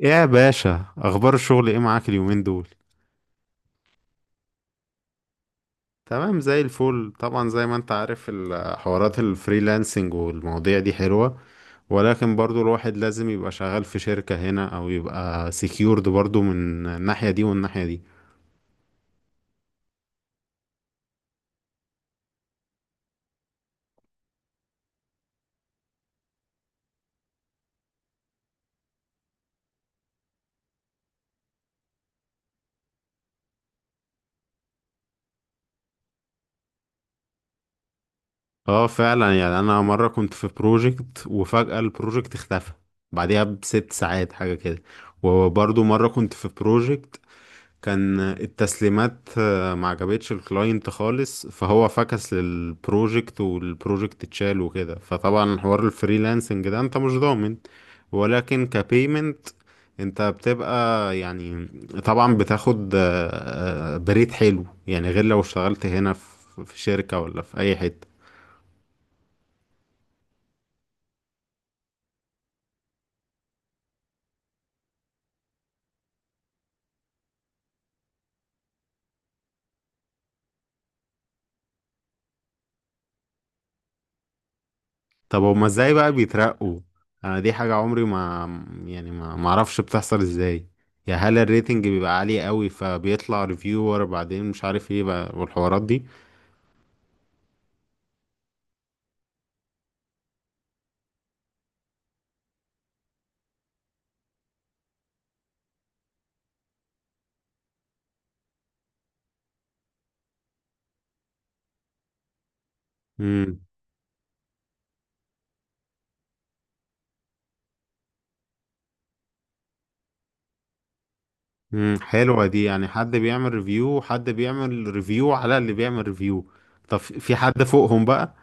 يا باشا، اخبار الشغل ايه معاك اليومين دول؟ تمام زي الفل. طبعا زي ما انت عارف حوارات الفريلانسنج والمواضيع دي حلوة، ولكن برضو الواحد لازم يبقى شغال في شركة هنا او يبقى سكيورد برضو من الناحية دي والناحية دي. اه فعلا. يعني انا مرة كنت في بروجكت وفجأة البروجكت اختفى بعديها بست ساعات حاجة كده. وبرضو مرة كنت في بروجكت، كان التسليمات ما عجبتش الكلاينت خالص، فهو فكس للبروجكت والبروجكت اتشال وكده. فطبعا حوار الفريلانسنج ده انت مش ضامن، ولكن كبيمنت انت بتبقى يعني طبعا بتاخد بريد حلو، يعني غير لو اشتغلت هنا في شركة ولا في اي حتة. طب هما ازاي بقى بيترقوا؟ انا دي حاجة عمري ما يعني ما اعرفش بتحصل ازاي. يا هل الريتنج بيبقى عالي قوي فبيطلع ريفيور بعدين مش عارف ايه بقى والحوارات دي؟ امم امم، حلوة دي. يعني حد بيعمل ريفيو وحد بيعمل ريفيو على اللي بيعمل ريفيو؟ طب في حد فوقهم بقى؟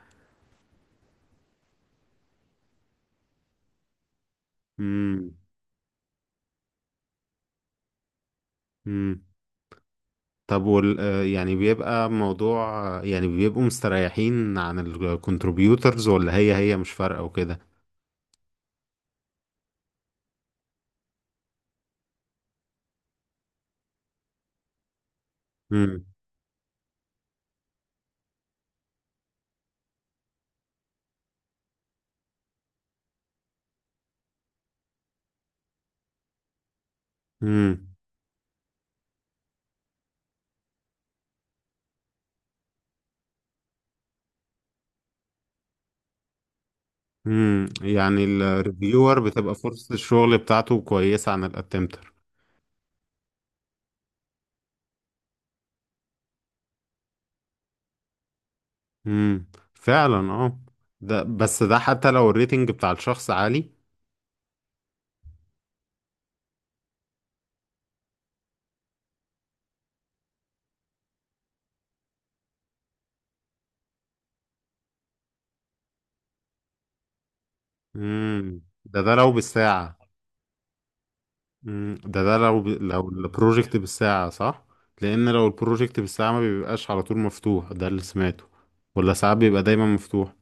امم. امم. طب وال يعني بيبقى موضوع يعني بيبقوا مستريحين عن الكونتريبيوترز ولا هي مش فارقة وكده؟ امم امم امم، يعني الريفيور بتبقى فرصة الشغل بتاعته كويسة عن الاتمتر. امم، فعلا اه. ده بس ده حتى لو الريتنج بتاع الشخص عالي. امم، ده لو بالساعة. امم، ده لو البروجكت بالساعة صح؟ لان لو البروجكت بالساعة ما بيبقاش على طول مفتوح، ده اللي سمعته، ولا ساعات بيبقى دايما مفتوح؟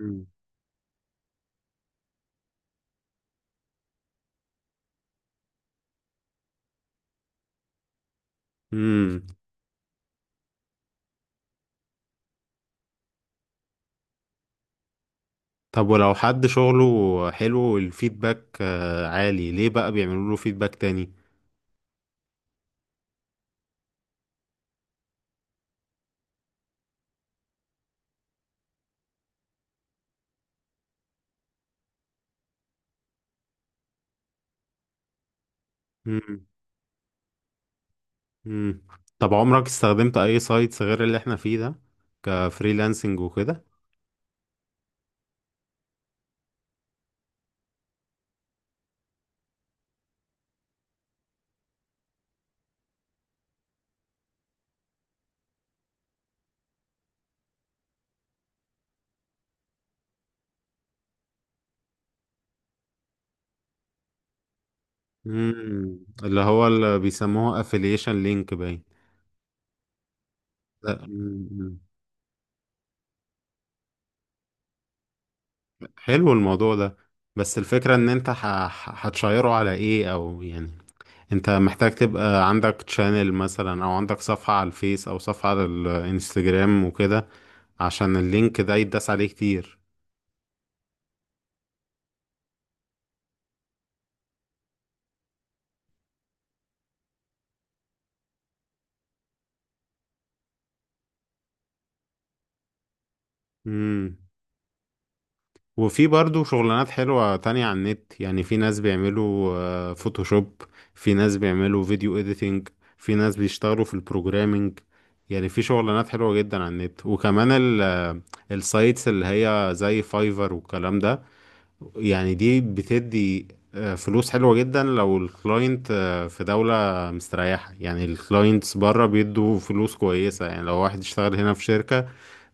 امم امم. طب ولو حد شغله حلو والفيدباك عالي ليه بقى بيعملوا له فيدباك تاني؟ مم. طب عمرك استخدمت اي سايتس غير اللي احنا فيه ده كفريلانسنج وكده؟ مم. اللي هو اللي بيسموه افيليشن لينك باين. لا، مم. حلو الموضوع ده، بس الفكرة ان انت هتشيره على ايه، او يعني انت محتاج تبقى عندك تشانل مثلا او عندك صفحة على الفيس او صفحة على الانستجرام وكده عشان اللينك ده يتداس عليه كتير. مم. وفي برضو شغلانات حلوة تانية على النت، يعني في ناس بيعملوا فوتوشوب، في ناس بيعملوا فيديو اديتنج، في ناس بيشتغلوا في البروجرامينج. يعني في شغلانات حلوة جدا على النت، وكمان ال السايتس اللي هي زي فايفر والكلام ده يعني دي بتدي فلوس حلوة جدا لو الكلاينت في دولة مستريحة. يعني الكلاينتس بره بيدوا فلوس كويسة. يعني لو واحد اشتغل هنا في شركة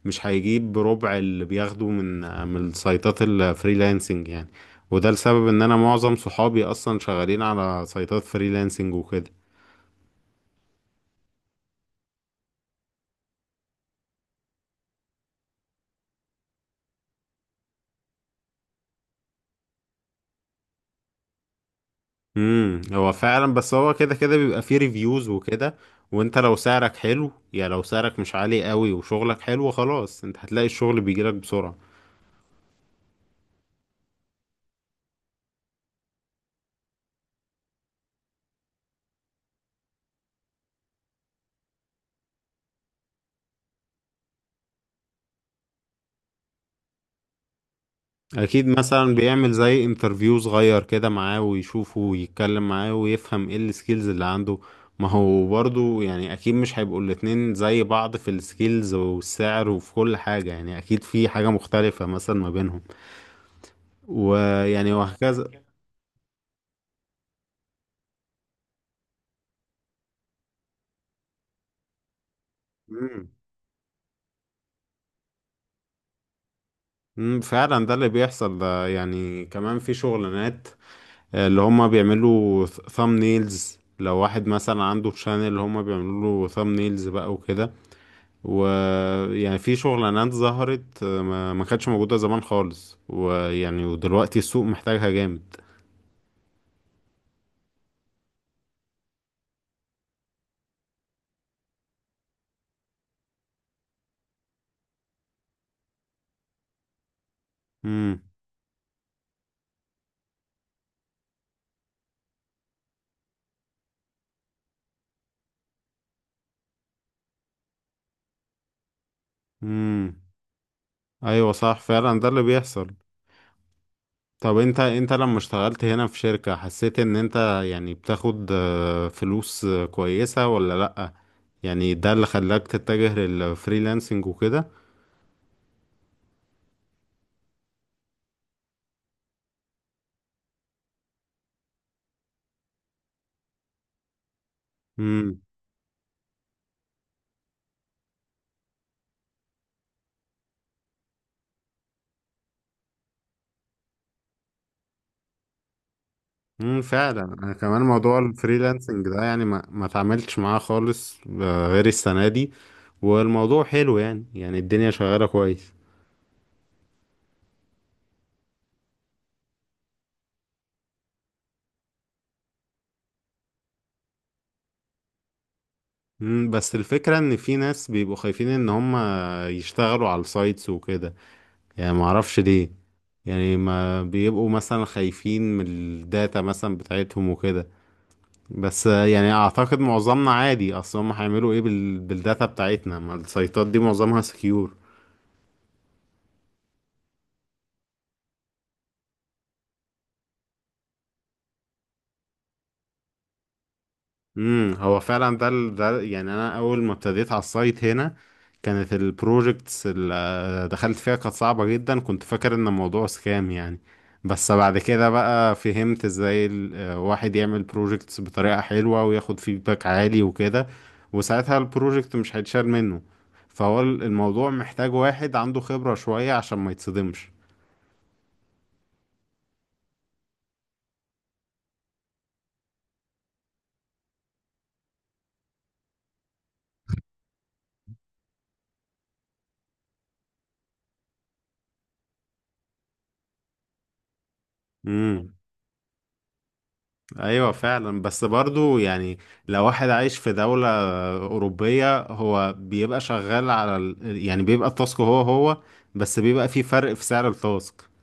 مش هيجيب بربع اللي بياخده من من سايتات الفريلانسنج يعني. وده لسبب ان انا معظم صحابي اصلا شغالين على سايتات فريلانسنج وكده. امم، هو فعلا، بس هو كده كده بيبقى فيه ريفيوز وكده، وانت لو سعرك حلو، يعني لو سعرك مش عالي قوي وشغلك حلو، خلاص انت هتلاقي الشغل بيجيلك بسرعة. اكيد مثلا بيعمل زي انترفيو صغير كده معاه ويشوفه ويتكلم معاه ويفهم ايه السكيلز اللي عنده. ما هو برضو يعني اكيد مش هيبقوا الاتنين زي بعض في السكيلز والسعر وفي كل حاجة، يعني اكيد في حاجة مختلفة مثلا ما بينهم، ويعني وهكذا. مم. مم، فعلا ده اللي بيحصل. ده يعني كمان في شغلانات اللي هما بيعملوا ثامنيلز، لو واحد مثلا عنده شانل اللي هما بيعملوا له ثامنيلز بقى وكده. ويعني في شغلانات ظهرت ما كانتش موجودة زمان خالص، ويعني ودلوقتي السوق محتاجها جامد. امم امم، ايوه صح، فعلا ده اللي بيحصل. طب انت لما اشتغلت هنا في شركة، حسيت ان انت يعني بتاخد فلوس كويسة ولا لأ؟ يعني ده اللي خلاك تتجه للفريلانسنج وكده؟ امم، فعلا. انا كمان موضوع الفريلانسنج ده يعني ما اتعاملتش معاه خالص غير السنه دي. والموضوع حلو، يعني يعني الدنيا شغاله كويس. امم، بس الفكره ان في ناس بيبقوا خايفين ان هم يشتغلوا على السايتس وكده، يعني ما اعرفش ليه. يعني ما بيبقوا مثلا خايفين من الداتا مثلا بتاعتهم وكده، بس يعني اعتقد معظمنا عادي. اصل هم هيعملوا ايه بالداتا بتاعتنا؟ ما السايتات دي معظمها سكيور. امم، هو فعلا ده ده يعني انا اول ما ابتديت على السايت هنا، كانت البروجكتس اللي دخلت فيها كانت صعبة جدا، كنت فاكر ان الموضوع سكام يعني. بس بعد كده بقى فهمت ازاي الواحد يعمل بروجكتس بطريقة حلوة وياخد فيدباك عالي وكده، وساعتها البروجكت مش هيتشال منه. فهو الموضوع محتاج واحد عنده خبرة شوية عشان ما يتصدمش. امم، ايوه فعلا. بس برضو يعني لو واحد عايش في دولة أوروبية، هو بيبقى شغال على يعني بيبقى التاسك هو هو، بس بيبقى في فرق في سعر التاسك.